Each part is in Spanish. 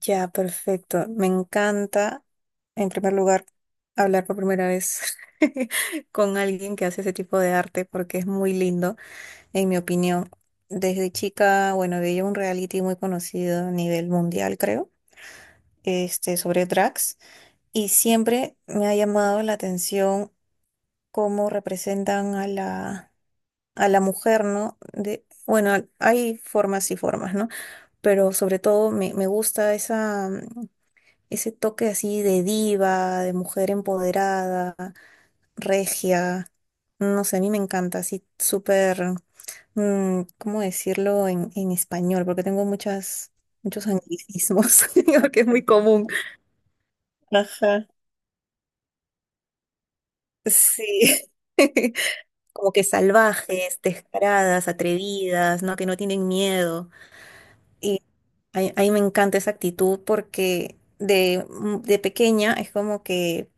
Ya, perfecto. Me encanta, en primer lugar, hablar por primera vez con alguien que hace ese tipo de arte porque es muy lindo, en mi opinión. Desde chica, bueno, veía un reality muy conocido a nivel mundial, creo, sobre drags, y siempre me ha llamado la atención cómo representan a la mujer, ¿no? Bueno, hay formas y formas, ¿no? Pero sobre todo me gusta esa ese toque así de diva, de mujer empoderada, regia. No sé, a mí me encanta, así súper, ¿cómo decirlo en español? Porque tengo muchos anglicismos, que es muy común. Ajá. Sí. Como que salvajes, descaradas, atrevidas, ¿no? Que no tienen miedo. Y a mí me encanta esa actitud porque de pequeña es como que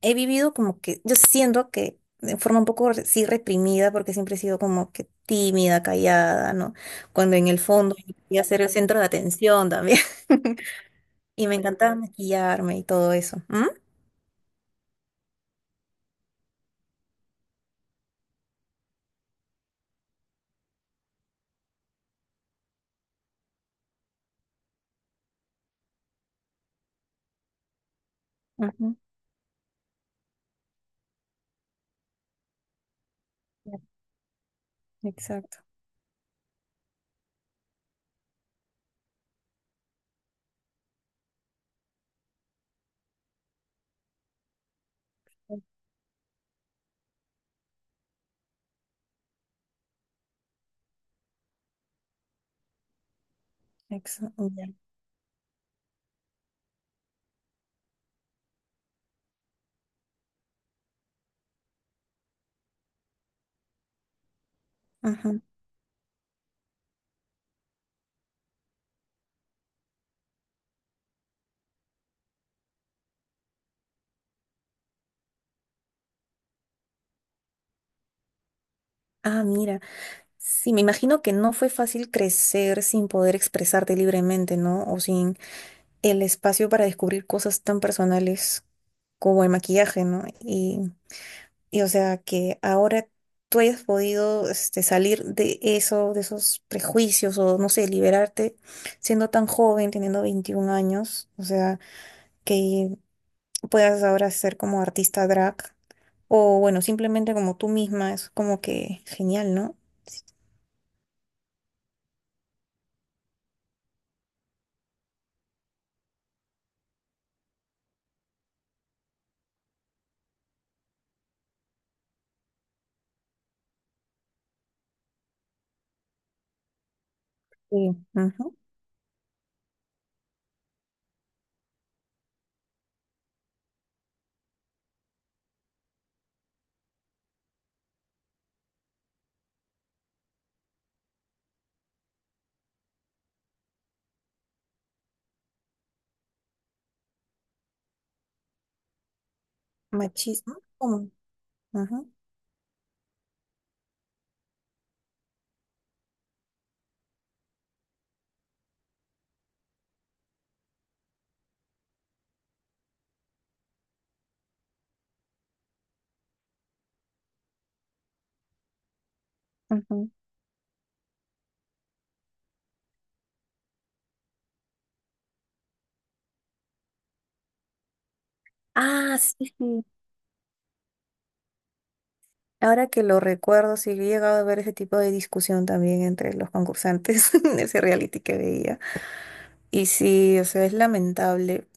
he vivido como que, yo siento que de forma un poco sí reprimida, porque siempre he sido como que tímida, callada, ¿no? Cuando en el fondo yo quería ser el centro de atención también. Y me encantaba maquillarme y todo eso. ¿Mm? Ujú. Ya, exacto. Exacto. Ya. Ujú. Ah, mira. Sí, me imagino que no fue fácil crecer sin poder expresarte libremente, ¿no? O sin el espacio para descubrir cosas tan personales como el maquillaje, ¿no? Y o sea, que ahora tú hayas podido salir de eso, de esos prejuicios o no sé, liberarte siendo tan joven, teniendo 21 años, o sea, que puedas ahora ser como artista drag o bueno, simplemente como tú misma, es como que genial, ¿no? Sí. Ujú. Machismo. ¿Cómo? Ujú, ujú. Ah, sí, sí. Ahora que lo recuerdo, sí, he llegado a ver ese tipo de discusión también entre los concursantes en ese reality que veía. Y sí, o sea, es lamentable.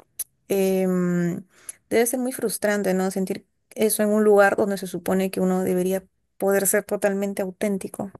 Em, Debe ser muy frustrante, ¿no? Sentir eso en un lugar donde se supone que uno debería poder ser totalmente auténtico.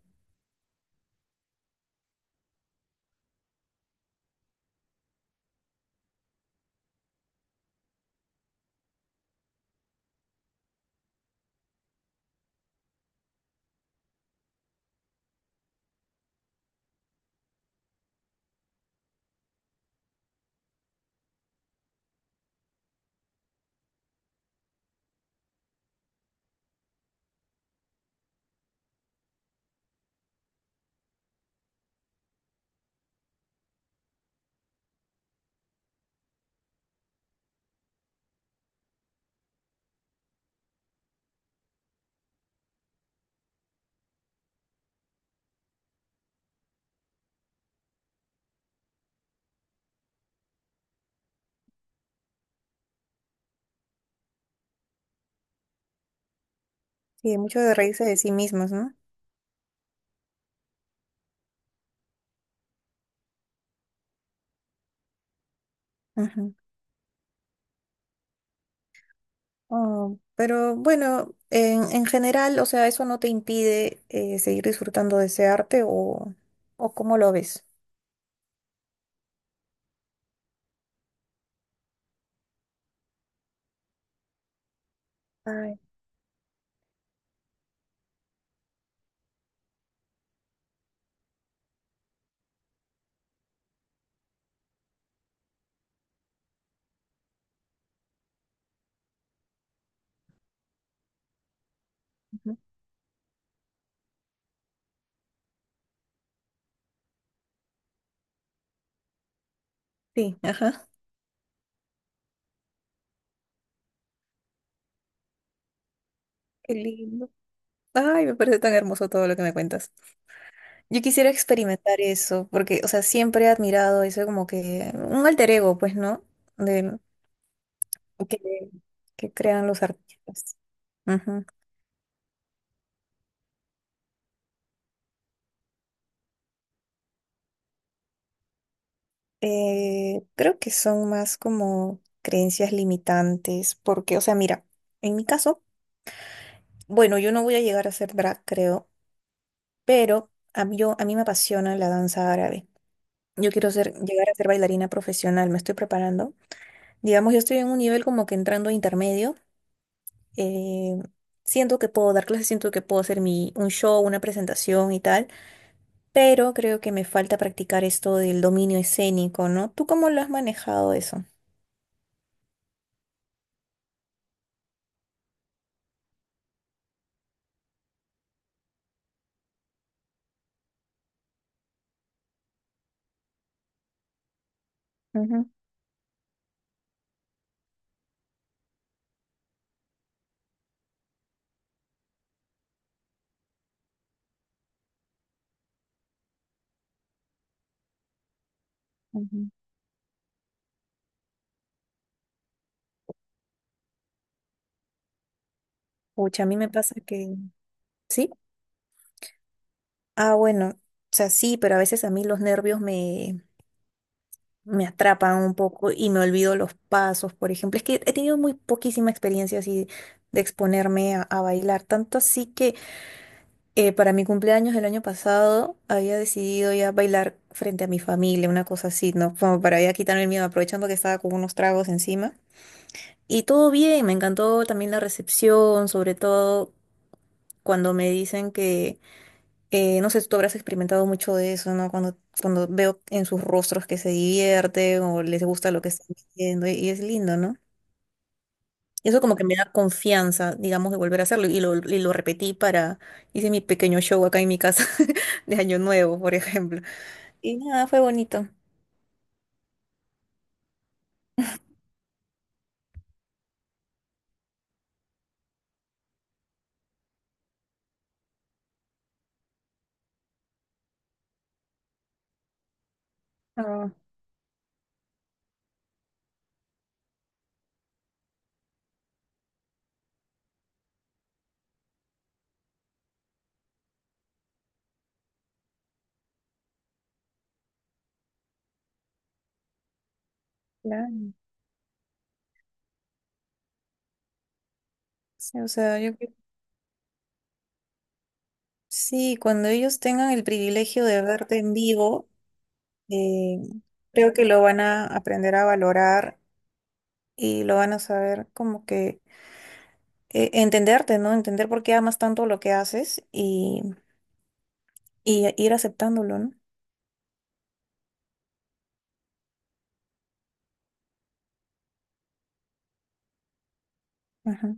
Sí, mucho de reírse de sí mismos, ¿no? Ujú. Oh, pero bueno, en general, o sea, ¿eso no te impide seguir disfrutando de ese arte o cómo lo ves? Ay, ujú. Sí, ajá. Qué lindo. Ay, me parece tan hermoso todo lo que me cuentas. Yo quisiera experimentar eso, porque, o sea, siempre he admirado eso como que un alter ego, pues, ¿no? De, que, que crean los artistas. Ujú. Creo que son más como creencias limitantes, porque, o sea, mira, en mi caso, bueno, yo no voy a llegar a ser drag, creo, pero a mí me apasiona la danza árabe. Yo quiero llegar a ser bailarina profesional, me estoy preparando. Digamos, yo estoy en un nivel como que entrando a intermedio eh, siento que puedo dar clases, siento que puedo hacer un show, una presentación y tal, pero creo que me falta practicar esto del dominio escénico, ¿no? ¿Tú cómo lo has manejado eso? Ujú, ujú. Pucha, a mí me pasa que... ¿Sí? Ah, bueno, o sea, sí, pero a veces a mí los nervios me atrapan un poco y me olvido los pasos, por ejemplo. Es que he tenido muy poquísima experiencia así de exponerme a bailar, tanto así que... Para mi cumpleaños del año pasado había decidido ya bailar frente a mi familia, una cosa así, ¿no? Como para ya quitarme el miedo, aprovechando que estaba con unos tragos encima. Y todo bien, me encantó también la recepción, sobre todo cuando me dicen que, no sé, tú habrás experimentado mucho de eso, ¿no? Cuando veo en sus rostros que se divierten o les gusta lo que están haciendo y es lindo, ¿no? Y eso como que me da confianza, digamos, de volver a hacerlo. Y lo repetí. Hice mi pequeño show acá en mi casa de Año Nuevo, por ejemplo. Y nada, fue bonito. Ah, claro. Sí, o sea, sí, cuando ellos tengan el privilegio de verte en vivo, eh, creo que lo van a aprender a valorar y lo van a saber como que entenderte, ¿no? Entender por qué amas tanto lo que haces y ir aceptándolo, ¿no? Ajá.